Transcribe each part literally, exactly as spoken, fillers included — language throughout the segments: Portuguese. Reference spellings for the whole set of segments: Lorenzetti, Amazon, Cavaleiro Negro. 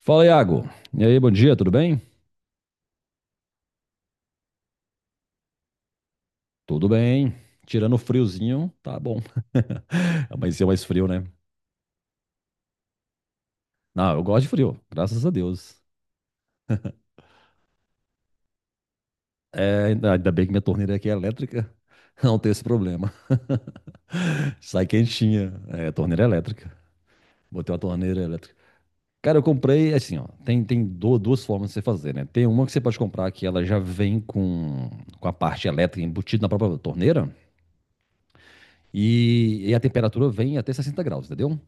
Fala, Iago. E aí, bom dia, tudo bem? Tudo bem. Tirando o friozinho, tá bom. Amanheceu mais frio, né? Não, eu gosto de frio, graças a Deus. É, ainda ainda bem que minha torneira aqui é elétrica, não tem esse problema. Sai quentinha. É, torneira elétrica. Botei uma torneira elétrica. Cara, eu comprei, assim, ó, tem, tem du- duas formas de você fazer, né? Tem uma que você pode comprar que ela já vem com, com a parte elétrica embutida na própria torneira e, e a temperatura vem até sessenta graus, entendeu?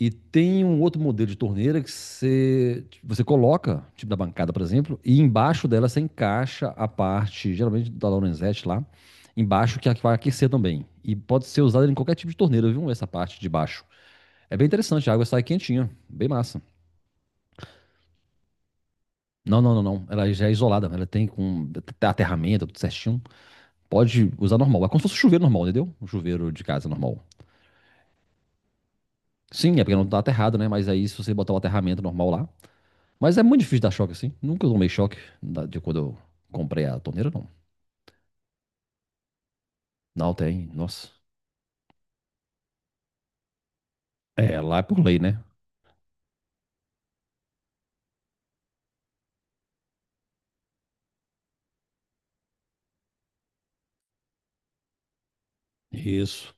E tem um outro modelo de torneira que você, você coloca, tipo da bancada, por exemplo, e embaixo dela você encaixa a parte, geralmente da Lorenzetti lá, embaixo que é a que vai aquecer também. E pode ser usada em qualquer tipo de torneira, viu? Essa parte de baixo. É bem interessante, a água sai quentinha, bem massa. Não, não, não, não. Ela já é isolada, ela tem com aterramento, tudo certinho. Pode usar normal. É como se fosse um chuveiro normal, entendeu? Um chuveiro de casa normal. Sim, é porque não tá aterrado, né? Mas aí se você botar o aterramento normal lá, mas é muito difícil dar choque assim. Nunca tomei choque da- de quando eu comprei a torneira, não. Não tem, nossa. É, lá é por lei, né? Isso.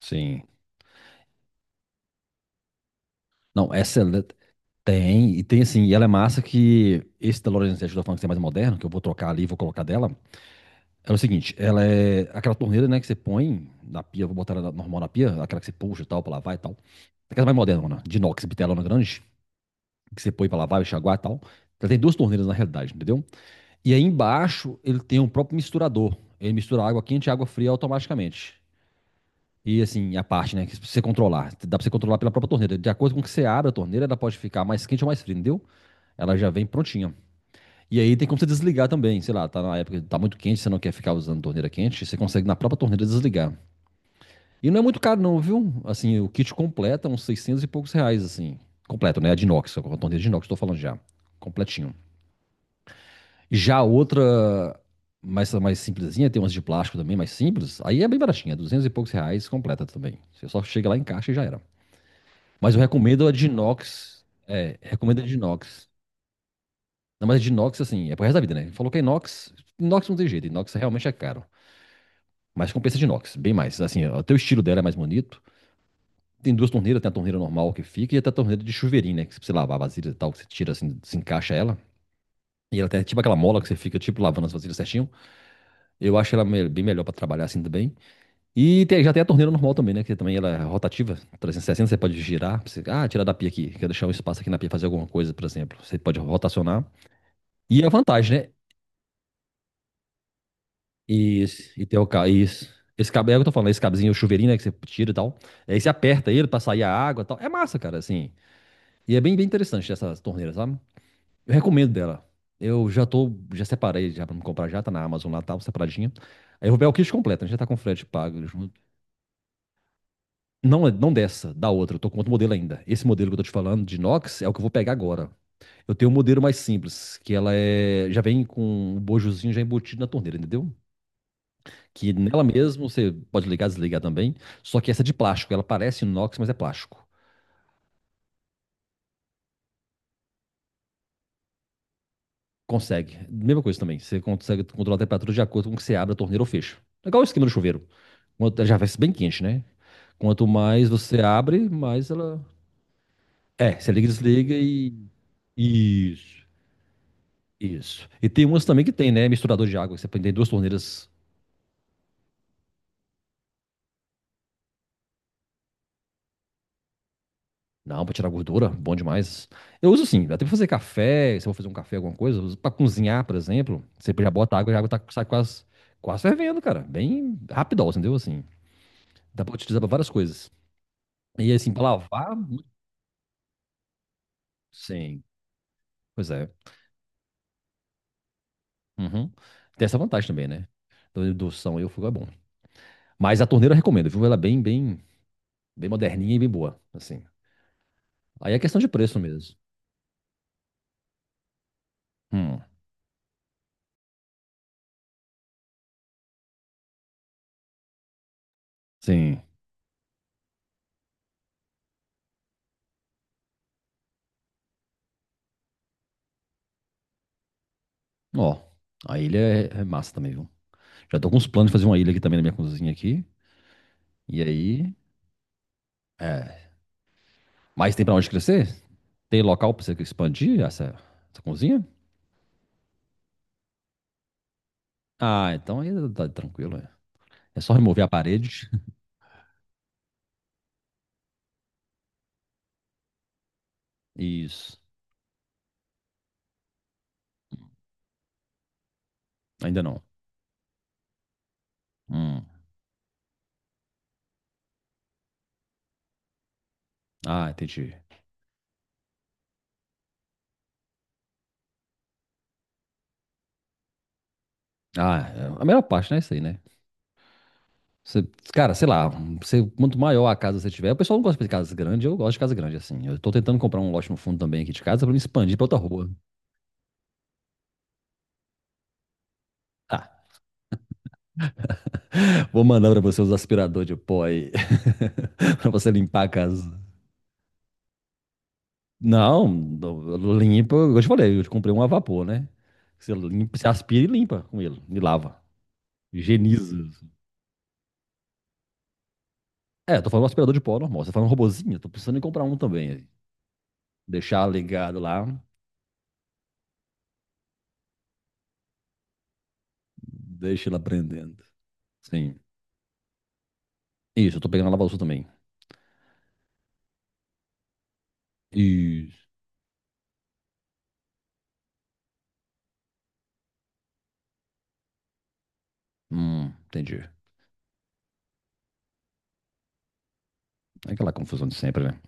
Sim. Não, essa é- tem, e tem assim, e ela é massa que esse da Lorenz ajuda falando que é mais moderno, que eu vou trocar ali, e vou colocar dela. É o seguinte, ela é aquela torneira, né, que você põe na pia, vou botar ela na- normal na pia, aquela que você puxa e tal, pra lavar e tal. Aquela mais moderna, mano, de inox, bitelona grande, que você põe pra lavar, enxaguar e tal. Ela tem duas torneiras na realidade, entendeu? E aí embaixo ele tem um próprio misturador. Ele mistura água quente e água fria automaticamente. E assim, a parte, né, que você controlar. Dá pra você controlar pela própria torneira. De acordo com que você abre a torneira, ela pode ficar mais quente ou mais fria, entendeu? Ela já vem prontinha. E aí tem como você desligar também, sei lá, tá na época, tá muito quente, você não quer ficar usando torneira quente, você consegue na própria torneira desligar. E não é muito caro não, viu? Assim, o kit completo é uns seiscentos e poucos reais, assim. Completo, né? A de inox, a torneira de inox, tô falando já. Completinho. Já a outra, mais, mais simplesinha, tem umas de plástico também, mais simples. Aí é bem baratinha, duzentos e poucos reais completa também. Você só chega lá, encaixa e já era. Mas eu recomendo a de inox. É, recomendo a de inox. Não, mas a de inox, assim, é pro resto da vida, né? Falou que é inox, inox não tem jeito, inox realmente é caro. Mas compensa de inox, bem mais. Assim, até o estilo dela é mais bonito. Tem duas torneiras, tem a torneira normal que fica e até a torneira de chuveirinho, né? Que se você lavar vasilhas e tal, que você tira assim, desencaixa ela. E ela tem tipo aquela mola que você fica, tipo, lavando as vasilhas certinho. Eu acho ela me- bem melhor pra trabalhar assim também. E tem- já tem a torneira normal também, né? Que também ela é rotativa, trezentos e sessenta você pode girar. Você, ah, tirar da pia aqui, quer deixar um espaço aqui na pia fazer alguma coisa, por exemplo. Você pode rotacionar. E a vantagem, né? E, e tem o ca- isso esse, esse cabo, é o que eu tô falando, esse cabezinho, o chuveirinho, né? Que você tira e tal. Aí você aperta ele pra sair a água e tal. É massa, cara, assim. E é bem, bem interessante essa torneira, sabe? Eu recomendo dela. Eu já tô, já separei já pra me comprar, já tá na Amazon lá, tá separadinha. Aí eu vou ver o kit completo, né? Já tá com o frete pago junto. Não, é, não dessa, da outra. Eu tô com outro modelo ainda. Esse modelo que eu tô te falando, de inox, é o que eu vou pegar agora. Eu tenho um modelo mais simples, que ela é, já vem com o bojozinho já embutido na torneira, entendeu? Que nela mesmo você pode ligar, desligar também. Só que essa é de plástico, ela parece inox, mas é plástico. Consegue. Mesma coisa também. Você consegue controlar a temperatura de acordo com o que você abre a torneira ou fecha. É igual o esquema do chuveiro. Quanto- ela já vai ser bem quente, né? Quanto mais você abre, mais ela. É, você liga, e desliga e. Isso. Isso. E tem umas também que tem, né? Misturador de água. Que você põe- tem duas torneiras na água pra tirar gordura. Bom demais. Eu uso sim. Até pra fazer café. Se eu vou fazer um café, alguma coisa. Eu uso pra cozinhar, por exemplo. Você já bota água e a água tá, sai quase, quase fervendo, cara. Bem rapidão, entendeu? Assim. Dá pra utilizar pra várias coisas. E assim, pra lavar, muito- sim. Pois é. Uhum. Tem essa vantagem também, né? Do indução e o fogo é bom. Mas a torneira eu recomendo, viu? Ela é bem, bem, bem moderninha e bem boa. Assim. Aí é questão de preço mesmo. Hum. Sim. Ó, a ilha é, é massa também, viu? Já tô com uns planos de fazer uma ilha aqui também na minha cozinha aqui. E aí, é, mas tem pra onde crescer? Tem local pra você expandir essa, essa cozinha? Ah, então aí tá tá tranquilo. É, é só remover a parede. Isso. Ainda não. Hum. Ah, entendi. Ah, é a melhor parte, né? Isso aí, né? Você- Cara, sei lá, você, quanto maior a casa você tiver, o pessoal não gosta de casa grande, eu gosto de casa grande, assim. Eu tô tentando comprar um lote no fundo também aqui de casa pra me expandir pra outra rua. Ah, vou mandar pra você os aspiradores de pó aí. Pra você limpar a casa. Não, não, limpa. Eu te falei, eu te comprei um a vapor, né? Você limpa, você aspira e limpa com ele. E lava. Higieniza. É, eu tô falando um aspirador de pó normal. Você tá falando um robozinho? Tô precisando em comprar um também. Aí. Deixar ligado lá. Deixa ele aprendendo. Sim. Isso, eu tô pegando a lava-louça também. Isso. Hum, entendi. É aquela confusão de sempre, né?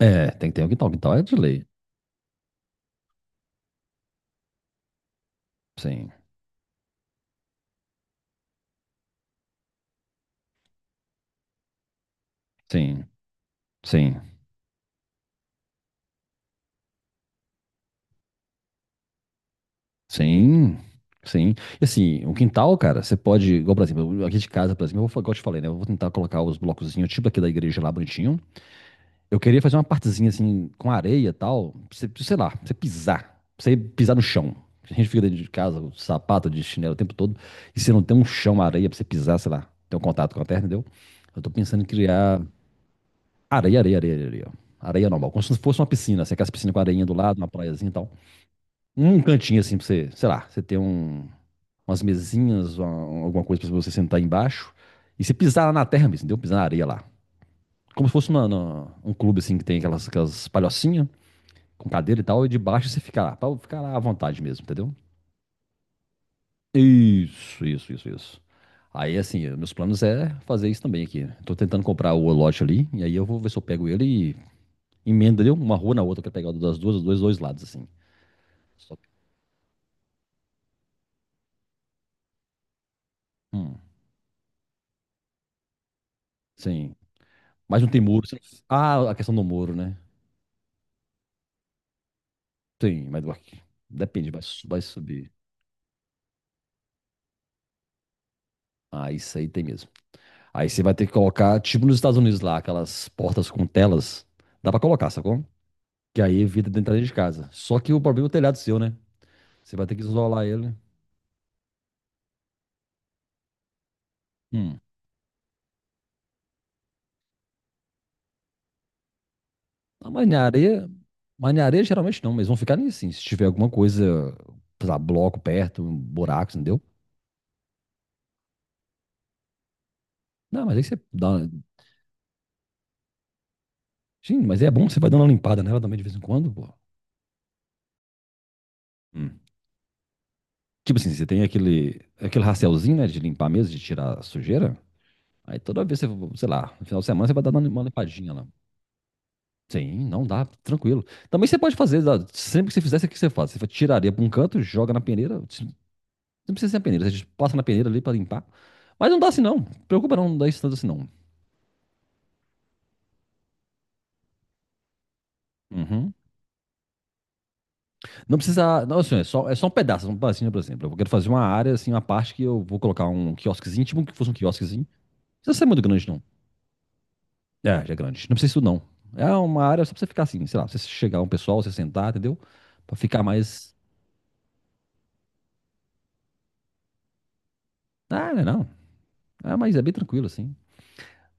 É, tem que ter um quintal. Quintal é de lei. Sim, sim, sim. Sim, sim. E assim, o quintal, cara, você pode, igual, por exemplo, aqui de casa, por exemplo, eu vou, igual eu te falei, né? Eu vou tentar colocar os blocozinhos, tipo aqui da igreja lá bonitinho. Eu queria fazer uma partezinha assim, com areia e tal, pra você, sei lá, pra você pisar, pra você pisar no chão. A gente fica dentro de casa, com sapato, de chinelo o tempo todo, e você não tem um chão, uma areia pra você pisar, sei lá, ter um contato com a terra, entendeu? Eu tô pensando em criar areia, areia, areia, areia. Areia normal, como se fosse uma piscina, assim, aquelas piscinas com areinha do lado, uma praiazinha e tal. Um cantinho assim pra você, sei lá, você ter um, umas mesinhas, uma- alguma coisa pra você sentar embaixo. E você pisar lá na terra mesmo, entendeu? Pisar na areia lá. Como se fosse uma- uma- um clube assim que tem aquelas, aquelas palhocinhas com cadeira e tal, e debaixo você fica lá, pra ficar lá à vontade mesmo, entendeu? Isso, isso, isso, isso. Aí, assim, meus planos é fazer isso também aqui. Tô tentando comprar o lote ali, e aí eu vou ver se eu pego ele e emenda ali uma rua na outra, que eu quero pegar das duas, dos dois lados, assim. Só- Hum, sim. Mas não tem muro. Você não- Ah, a questão do muro, né? Tem, mas vai- depende, vai, su- vai subir. Ah, isso aí tem mesmo. Aí você vai ter que colocar, tipo nos Estados Unidos lá, aquelas portas com telas. Dá pra colocar, sacou? Que aí evita de entrar dentro de casa. Só que o problema é o telhado seu, né? Você vai ter que isolar ele. Hum. Ah, mas na areia, mas na areia geralmente não, mas vão ficar nisso, assim. Se tiver alguma coisa, sei lá, bloco perto, um buraco, entendeu? Não, mas aí você dá. Sim, mas é bom que você vai dando uma limpada nela também de vez em quando, pô. Hum. Tipo assim, você tem aquele, aquele rastelzinho, né, de limpar mesmo, de tirar a sujeira. Aí toda vez, você, sei lá, no final de semana você vai dar uma limpadinha lá. Sim, não dá, tranquilo. Também você pode fazer, dá- sempre que você fizesse, o que você faz? Você tiraria para um canto, joga na peneira, você não precisa ser a peneira, você passa na peneira ali para limpar. Mas não dá assim não, preocupa não, não dá isso tanto assim não. Uhum. Não precisa, não, assim, é só, é só um pedaço, um pedacinho, por exemplo. Eu quero fazer uma área, assim, uma parte que eu vou colocar um quiosquezinho, tipo que fosse um quiosquezinho. Não precisa ser muito grande não. É, já é grande, não precisa isso não. É uma área só pra você ficar assim, sei lá, pra você chegar um pessoal, você sentar, entendeu? Pra ficar mais... Ah, não, é não. Ah, mas é bem tranquilo, assim.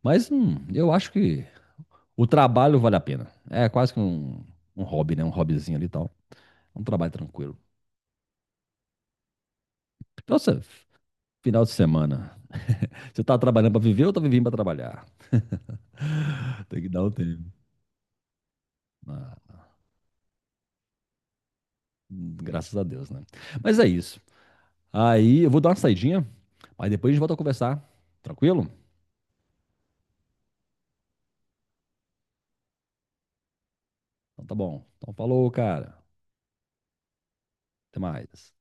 Mas hum, eu acho que o trabalho vale a pena. É quase que um, um hobby, né? Um hobbyzinho ali e tal. É um trabalho tranquilo. Nossa, final de semana. Você tá trabalhando pra viver ou tá vivendo pra trabalhar? Tem que dar um tempo. Ah, graças a Deus, né? Mas é isso. Aí eu vou dar uma saidinha, mas depois a gente volta a conversar. Tranquilo? Então tá bom. Então falou, cara. Até mais.